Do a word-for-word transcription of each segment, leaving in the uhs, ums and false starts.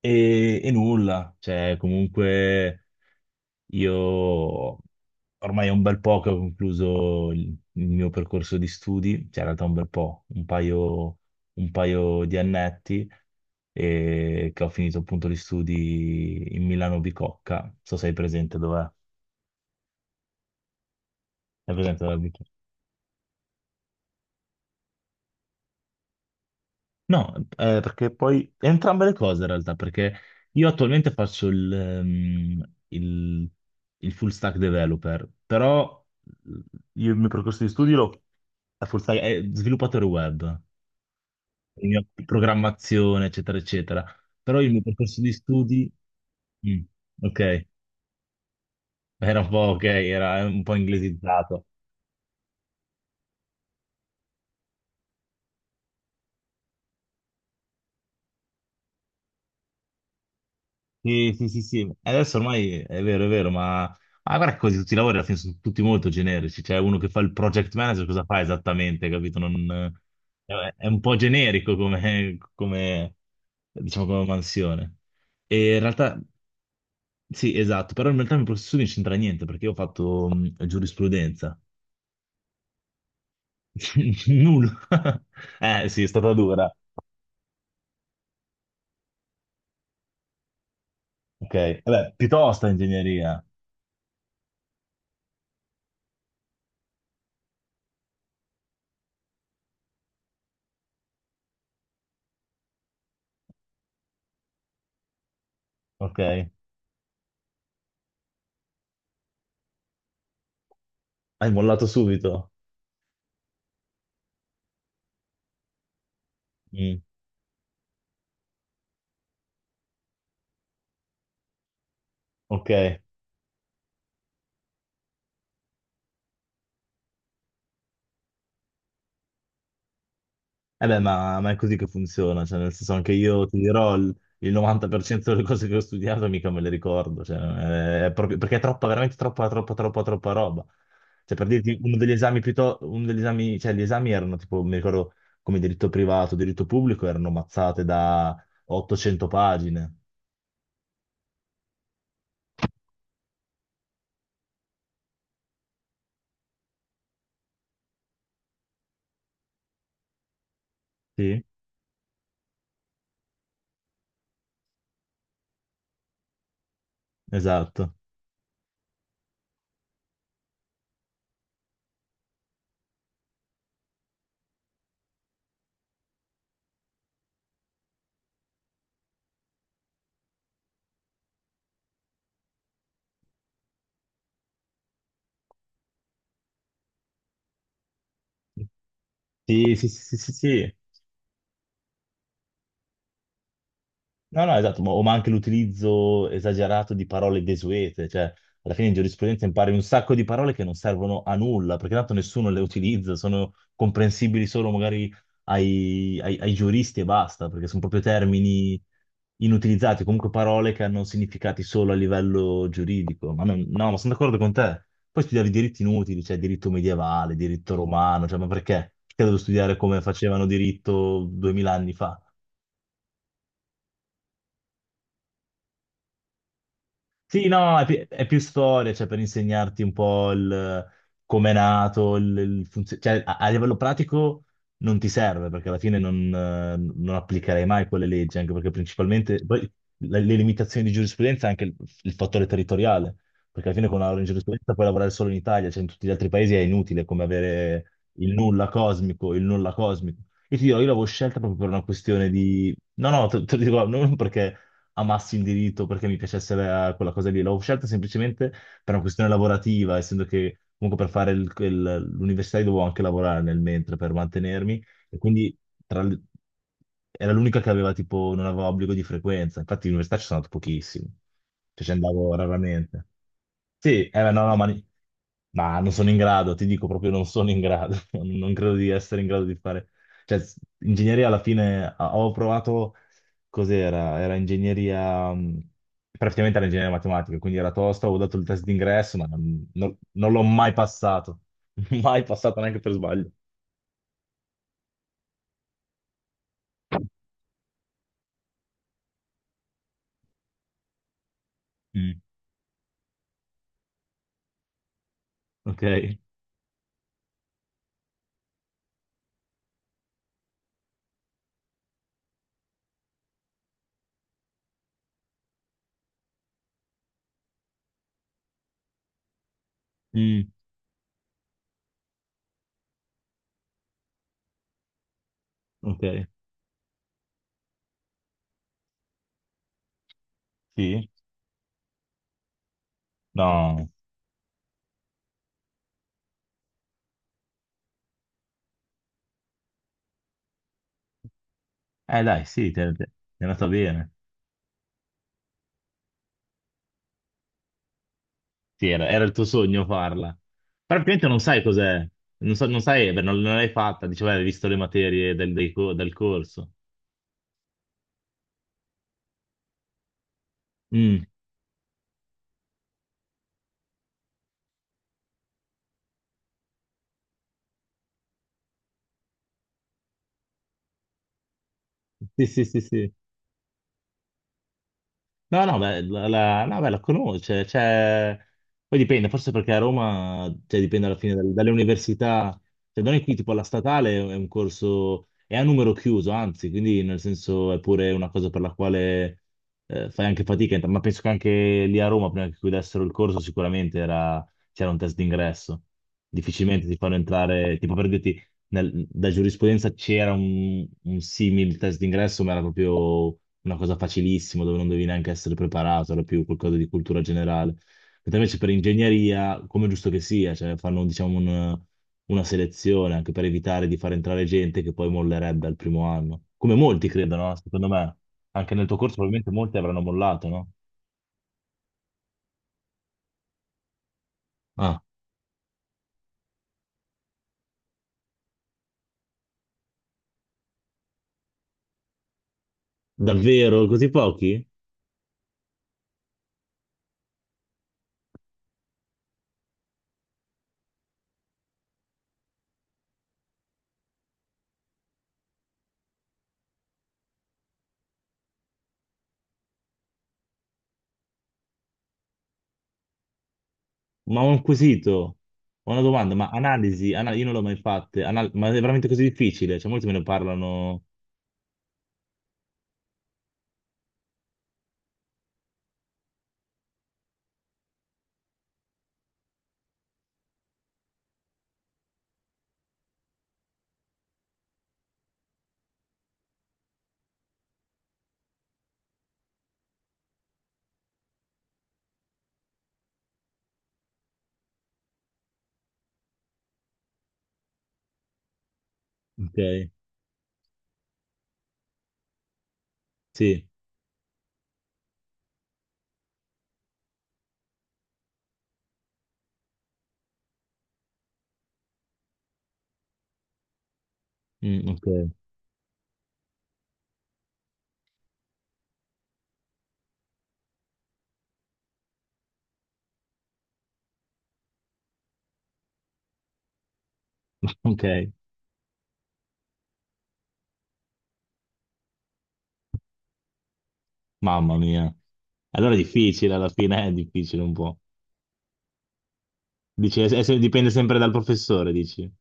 E, e nulla, cioè comunque io ormai è un bel po' che ho concluso il, il mio percorso di studi, cioè in realtà un bel po', un paio, un paio di annetti e che ho finito appunto gli studi in Milano Bicocca, non so se sei presente dov'è, sei presente dov'è. No, eh, perché poi entrambe le cose in realtà, perché io attualmente faccio il, ehm, il- il full stack developer, però io il mio percorso di studio lo- è, full stack- è sviluppatore web, quindi ho programmazione, eccetera, eccetera. Però il mio percorso di studi, mm, ok, era un po' ok, era un po' inglesizzato. Sì, sì, sì, sì. Adesso ormai è vero, è vero, ma, ma guarda che quasi tutti i lavori alla fine sono tutti molto generici. C'è uno che fa il project manager, cosa fa esattamente, capito? Non- eh, è, è un po' generico come, come, diciamo, come mansione. E in realtà, sì, esatto, però in realtà il mio processo non c'entra niente perché io ho fatto mh, giurisprudenza. Nulla. Eh, sì, è stata dura. Ok, vabbè, piuttosto ingegneria, ok? Hai mollato subito. Mm. Ok. Eh beh, ma, ma è così che funziona, cioè, nel senso anche io ti dirò il, il novanta per cento delle cose che ho studiato mica me le ricordo, cioè, è, è proprio, perché è troppa, veramente troppa, troppa, troppa, troppa roba. Cioè, per dirti, uno degli esami piuttosto, uno degli esami, cioè, gli esami erano tipo, mi ricordo, come diritto privato, diritto pubblico, erano mazzate da ottocento pagine. Sì, esatto. Sì, sì, sì, sì, sì, sì. No, no, esatto, ma, o ma anche l'utilizzo esagerato di parole desuete, cioè alla fine in giurisprudenza impari un sacco di parole che non servono a nulla, perché tanto nessuno le utilizza, sono comprensibili solo magari ai, ai- ai giuristi e basta, perché sono proprio termini inutilizzati, comunque parole che hanno significati solo a livello giuridico. Ma non- no, ma sono d'accordo con te. Poi studiavi diritti inutili, cioè diritto medievale, diritto romano, cioè ma perché? Perché devo studiare come facevano diritto duemila anni fa? Sì, no, è, pi- è più storia, cioè per insegnarti un po' il, come è nato, il, il funzio- cioè a, a livello pratico non ti serve perché alla fine non, eh, non applicherai mai quelle leggi, anche perché principalmente poi le, le limitazioni di giurisprudenza è anche il, il fattore territoriale, perché alla fine con la laurea in giurisprudenza puoi lavorare solo in Italia, cioè in tutti gli altri paesi è inutile, come avere il nulla cosmico, il nulla cosmico. Io ti dirò, io l'avevo scelta proprio per una questione di... No, no, te, te lo dico, non perché amassi il diritto perché mi piacesse la- quella cosa lì, l'ho scelta semplicemente per una questione lavorativa, essendo che comunque per fare il- il- l'università io dovevo anche lavorare nel mentre per mantenermi, e quindi tra le- era l'unica che aveva tipo, non aveva obbligo di frequenza, infatti all'università ci sono andato pochissimo, cioè ci andavo raramente. Sì, eh, no, no, ma, ma non sono in grado, ti dico proprio non sono in grado, non credo di essere in grado di fare, cioè s- ingegneria alla fine ah, ho provato, cos'era? Era ingegneria, mh, praticamente era ingegneria matematica, quindi era tosta, avevo dato il test d'ingresso, ma non, non- non l'ho mai passato, mai passato neanche per sbaglio. Mm, ok. Mm, ok, sì, no, eh dai, sì, ti è ti è andata bene. Sì, era, era il tuo sogno farla. Però praticamente non sai cos'è. Non so- non sai, beh, non, non l'hai fatta. Dicevo, hai visto le materie del, dei co- del corso. Mm. Sì, sì, sì, sì. No, no, beh, la, la- no, beh, la conosce, cioè, poi dipende, forse perché a Roma, cioè, dipende alla fine dal- dalle, università, cioè, da noi qui tipo alla statale è un corso, è a numero chiuso, anzi, quindi nel senso è pure una cosa per la quale eh, fai anche fatica, ma penso che anche lì a Roma, prima che chiudessero il corso, sicuramente era- c'era un test d'ingresso, difficilmente ti fanno entrare, tipo per dirti, nel- da giurisprudenza c'era un, un simile test d'ingresso, ma era proprio una cosa facilissima dove non devi neanche essere preparato, era più qualcosa di cultura generale. Mentre invece per ingegneria, come è giusto che sia, cioè fanno diciamo un- una selezione anche per evitare di far entrare gente che poi mollerebbe al primo anno. Come molti credono, no? Secondo me, anche nel tuo corso probabilmente molti avranno mollato, no? Ah, davvero? Così pochi? Ma ho un quesito, ho una domanda, ma analisi, ana- io non l'ho mai fatta, ma è veramente così difficile? Cioè molti me ne parlano, ok? Sì, mm, ok, ok. Mamma mia. Allora è difficile, alla fine è difficile un po'. Dici, è- è se- dipende sempre dal professore, dici.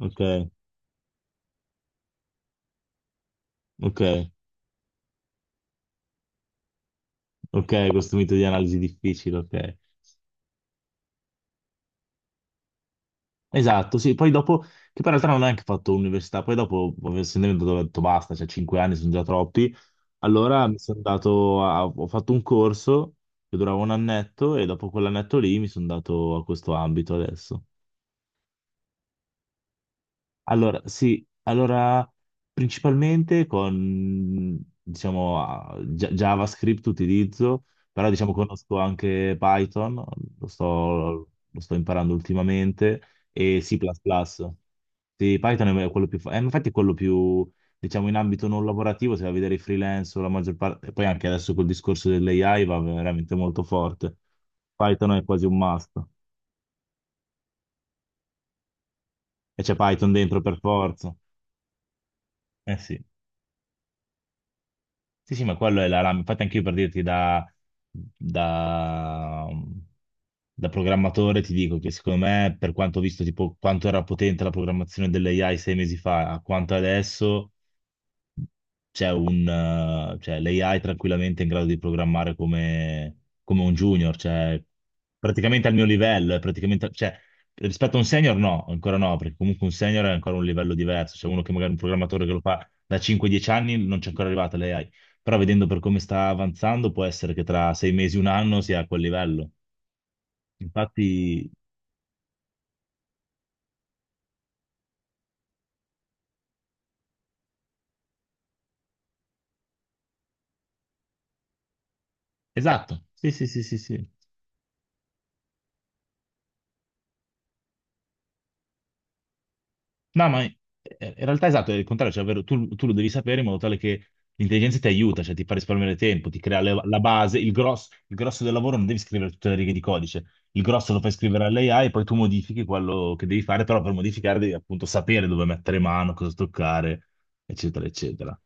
Ok, ok, ok, questo mito di analisi difficile, ok. Esatto, sì, poi dopo, che poi in realtà non ho neanche fatto università, poi dopo, essendo ho detto basta, cioè cinque anni sono già troppi, allora mi sono dato, a- ho fatto un corso che durava un annetto e dopo quell'annetto lì mi sono dato a questo ambito adesso. Allora, sì, allora principalmente con, diciamo, ah, Gia- JavaScript utilizzo, però diciamo conosco anche Python, lo sto, lo sto imparando ultimamente, e C++. Plus plus. Sì, Python è quello più, fa- eh, infatti è quello più, diciamo, in ambito non lavorativo, se vai a vedere i freelance o la maggior parte, e poi anche adesso col discorso dell'A I va veramente molto forte. Python è quasi un must, e c'è Python dentro per forza. Eh sì. Sì, sì, ma quello è la RAM. Infatti anche io per dirti da, da- da programmatore ti dico che secondo me, per quanto ho visto tipo quanto era potente la programmazione dell'A I sei mesi fa a quanto adesso, c'è un, eh, cioè, l'A I tranquillamente è in grado di programmare come, come un junior, cioè praticamente al mio livello, è praticamente, cioè, rispetto a un senior no, ancora no, perché comunque un senior è ancora un livello diverso, c'è uno che magari è un programmatore che lo fa da cinque dieci anni non c'è ancora arrivata l'A I, però vedendo per come sta avanzando può essere che tra sei mesi, un anno sia a quel livello. Infatti, esatto, sì, sì, sì, sì, sì. No, ma in in realtà esatto, è il contrario, cioè, ovvero tu, tu lo devi sapere in modo tale che l'intelligenza ti aiuta, cioè ti fa risparmiare tempo, ti crea le- la base, il grosso, il grosso del lavoro non devi scrivere tutte le righe di codice, il grosso lo fai scrivere all'A I e poi tu modifichi quello che devi fare, però per modificare devi appunto sapere dove mettere mano, cosa toccare, eccetera, eccetera.